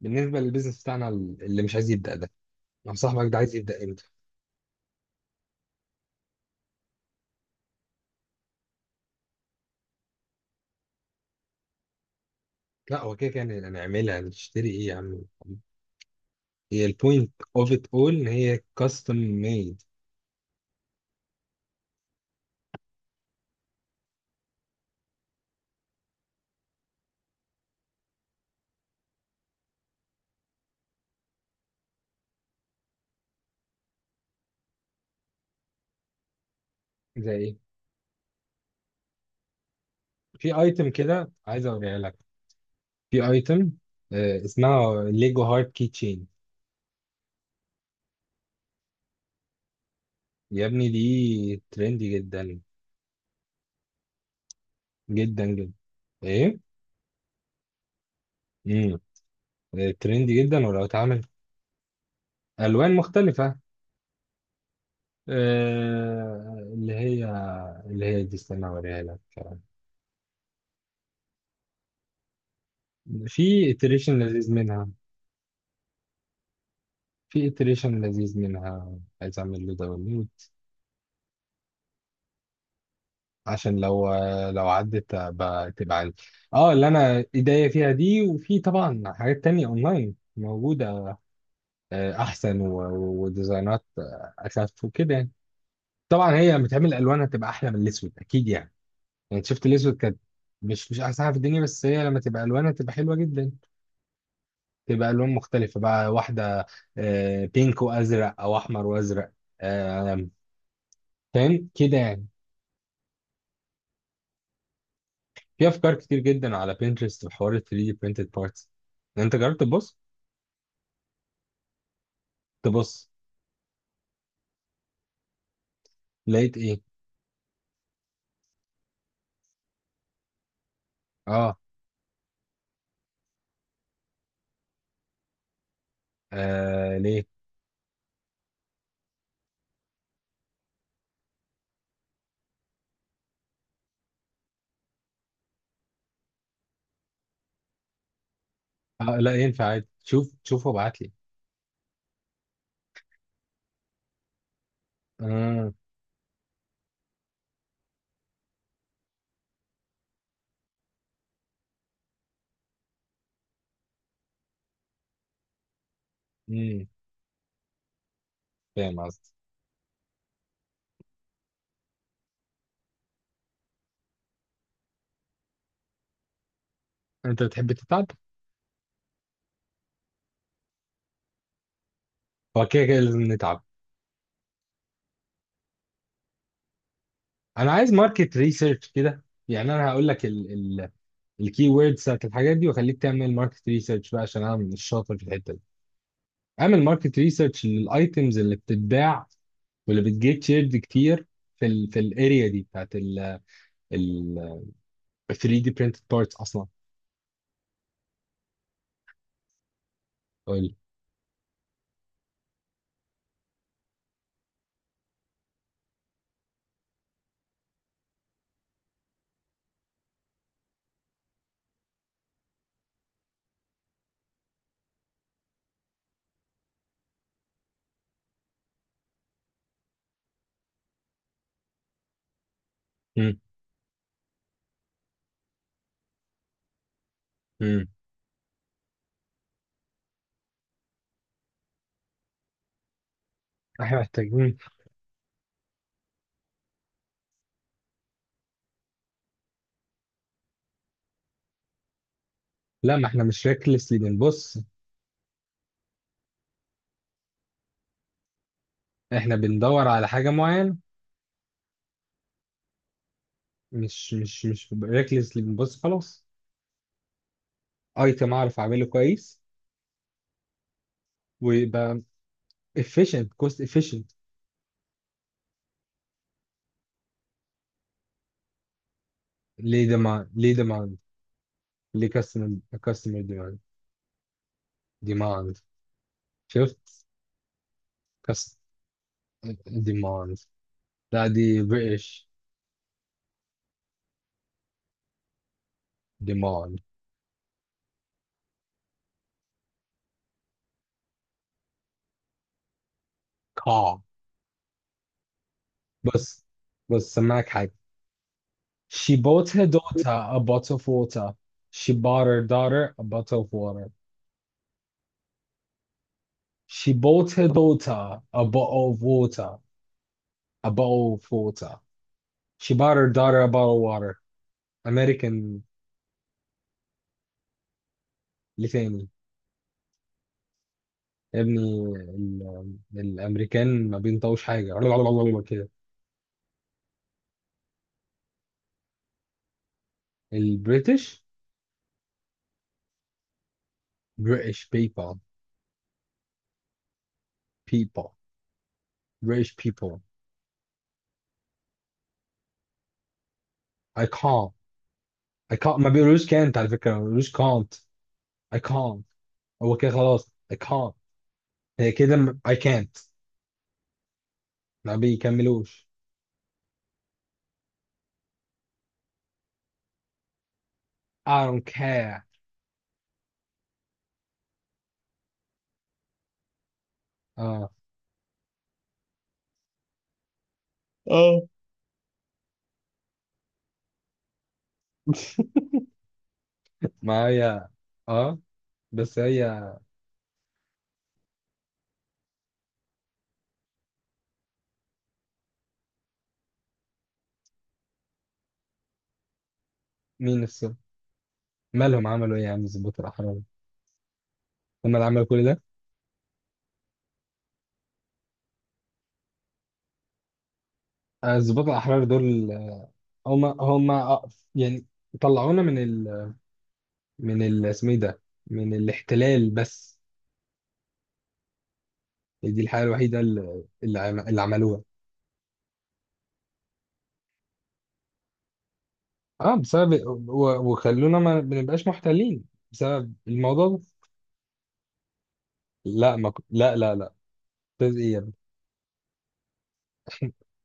بالنسبه للبيزنس بتاعنا اللي مش عايز يبدا ده. لو صاحبك ده عايز يبدا امتى؟ لا هو كده كده يعني نعملها نشتري ايه يا عم؟ هي البوينت اوف ات اول ان هي كاستم ميد. زي ايه؟ في ايتم كده عايز اوريها لك، في ايتم اسمها ليجو هارت كي تشين. يا ابني دي ترندي جدا جدا جدا. ايه؟ امم ترندي جدا ولو اتعمل الوان مختلفه. آه، اللي هي، دي استنى اوريها لك. في iteration لذيذ منها، في iteration لذيذ منها عايز اعمل له داونلود، عشان لو، لو عدت تبقى عندي. اه، اللي انا ايديا فيها دي، وفي طبعا حاجات تانية اونلاين موجودة. آه، احسن وديزاينات آه، اخف وكده يعني. طبعا هي لما تعمل الوانها تبقى احلى من الاسود اكيد يعني. يعني شفت الاسود كانت مش احسن حاجه في الدنيا، بس هي لما تبقى الوانها تبقى حلوه جدا. تبقى الوان مختلفه بقى، واحده آه، بينك وازرق او احمر وازرق آه، فاهم كده يعني. في افكار كتير جدا على بينترست بحوار ال 3 دي printed parts. انت جربت تبص؟ تبص. لقيت ايه؟ اه. آه ليه؟ آه، لا ينفع عادي، شوف وابعت لي. اه. امم. فاهم قصدي. انت بتحب تتعب؟ هو كده كده لازم نتعب. انا عايز ماركت ريسيرش كده، يعني انا هقول لك الكي ووردز بتاعت الحاجات دي واخليك تعمل ماركت ريسيرش بقى، عشان انا مش شاطر في الحته دي. اعمل ماركت ريسيرش للايتمز اللي بتتباع، واللي بتجيت شيرد كتير في ال في الاريا دي بتاعت ال 3 دي printed parts اصلا. قول. امم. امم. احنا محتاجين. لا، ما احنا مش ريكلسلي بنبص، احنا بندور على حاجه معينه، مش ريكلسلي بنبص خلاص. ايتم اعرف اعمله كويس، ويبقى efficient, cost efficient. ليه demand؟ ليه demand؟ ليه customer؟ customer demand. demand. شفت؟ كاست. demand. لا دي بريتش. ديمون. كا. بس، بس سمعك حاجة. She bought her daughter a bottle of water. She bought her daughter a bottle of water. She bought her daughter a bottle of water. A bottle of water. She bought her daughter a bottle of water. American. لتاني. يا ابني الأمريكان ما بينطوش حاجة. كده. البريتش. British people. people. British people. I can't. I can't. ما بيقولوش can't، على فكرة ما بيقولوش can't. I can't. هو كده خلاص I can't. هي كده I can't. ما بيكملوش. I don't care. اه. اه. ما هي. اه. بس هي. مين السبب؟ مالهم عملوا ايه يا عم الضباط الاحرار؟ هم اللي عملوا كل ده. آه، الضباط الاحرار دول آه، هم آه، يعني طلعونا من ال، اسمه ايه ده، من الاحتلال بس. دي الحاجة الوحيدة اللي اللي عملوها. اه بسبب، وخلونا ما بنبقاش محتلين بسبب الموضوع ده. لا ما ك... لا لا لا. ممتاز ايه يا ابني؟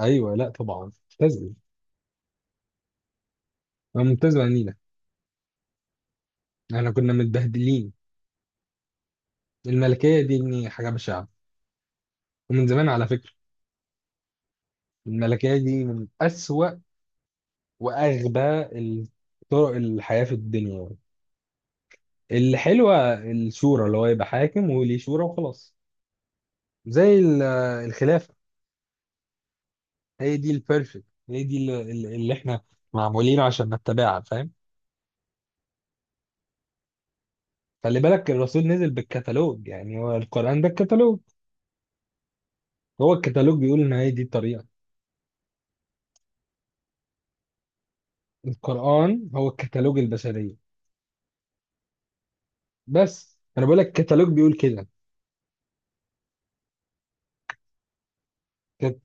ايوه لا طبعا. ممتاز ايه؟ أنا ممتاز بعنينا؟ احنا كنا متبهدلين. الملكيه دي ابني حاجه بشعه، ومن زمان على فكره. الملكيه دي من اسوأ واغبى طرق الحياه في الدنيا يعني. الحلوه الشورى، اللي هو يبقى حاكم وليه شورى وخلاص. زي الخلافه. هي دي البيرفكت، هي دي اللي، اللي احنا معمولين عشان نتبعها. فاهم؟ خلي بالك الرسول نزل بالكتالوج، يعني هو القرآن ده الكتالوج. هو الكتالوج بيقول ان هي دي الطريقة. القرآن هو الكتالوج البشرية. بس انا بقول لك الكتالوج بيقول كده. كانت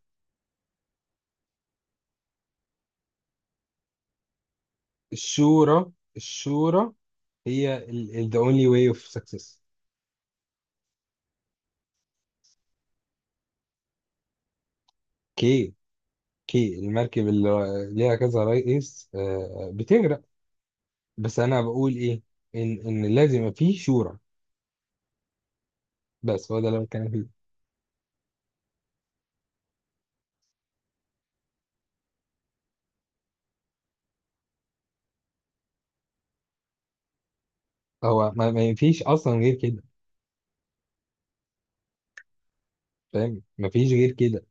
الشورى، الشورى هي the only way of success. كي، كي المركب اللي ليها كذا رئيس آه، آه، بتغرق. بس انا بقول ايه، ان لازم يبقى فيه شورى. بس هو ده اللي أنا بتكلم فيه. هو ما فيش اصلا غير كده، فاهم؟ ما فيش غير كده.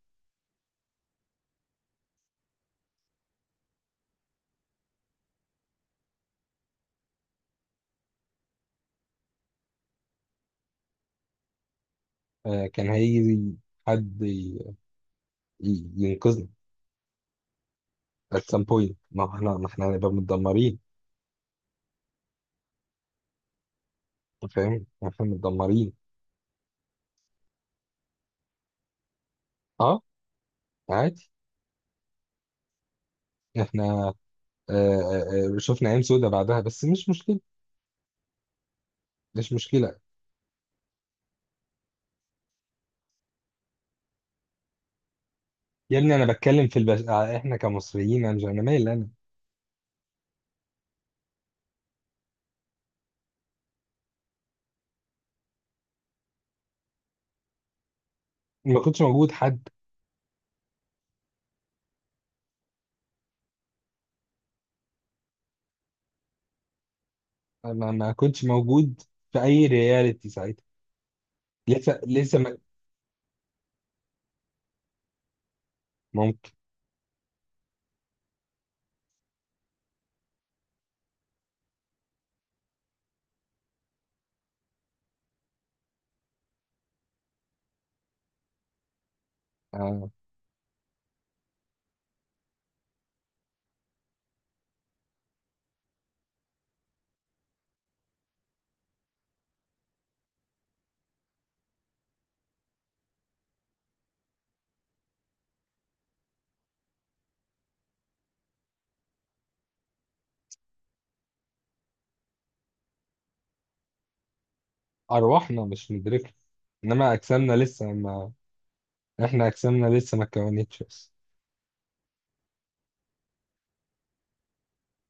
آه، كان هيجي حد ينقذنا at some point. ما احنا هنبقى متدمرين. أنت فاهم؟ احنا متدمرين. اه عادي. احنا آه آه آه، شفنا ايام سودة بعدها بس مش مشكله، مش مشكله. يا ابني انا بتكلم في آه، احنا كمصريين، انا مش، انا مالي انا، ما كنتش موجود حد. ما كنتش موجود في اي رياليتي ساعتها. لسه لسه ما... ممكن. آه، ارواحنا مش مدركه، انما اجسامنا لسه، ما احنا اجسامنا لسه ما اتكونتش.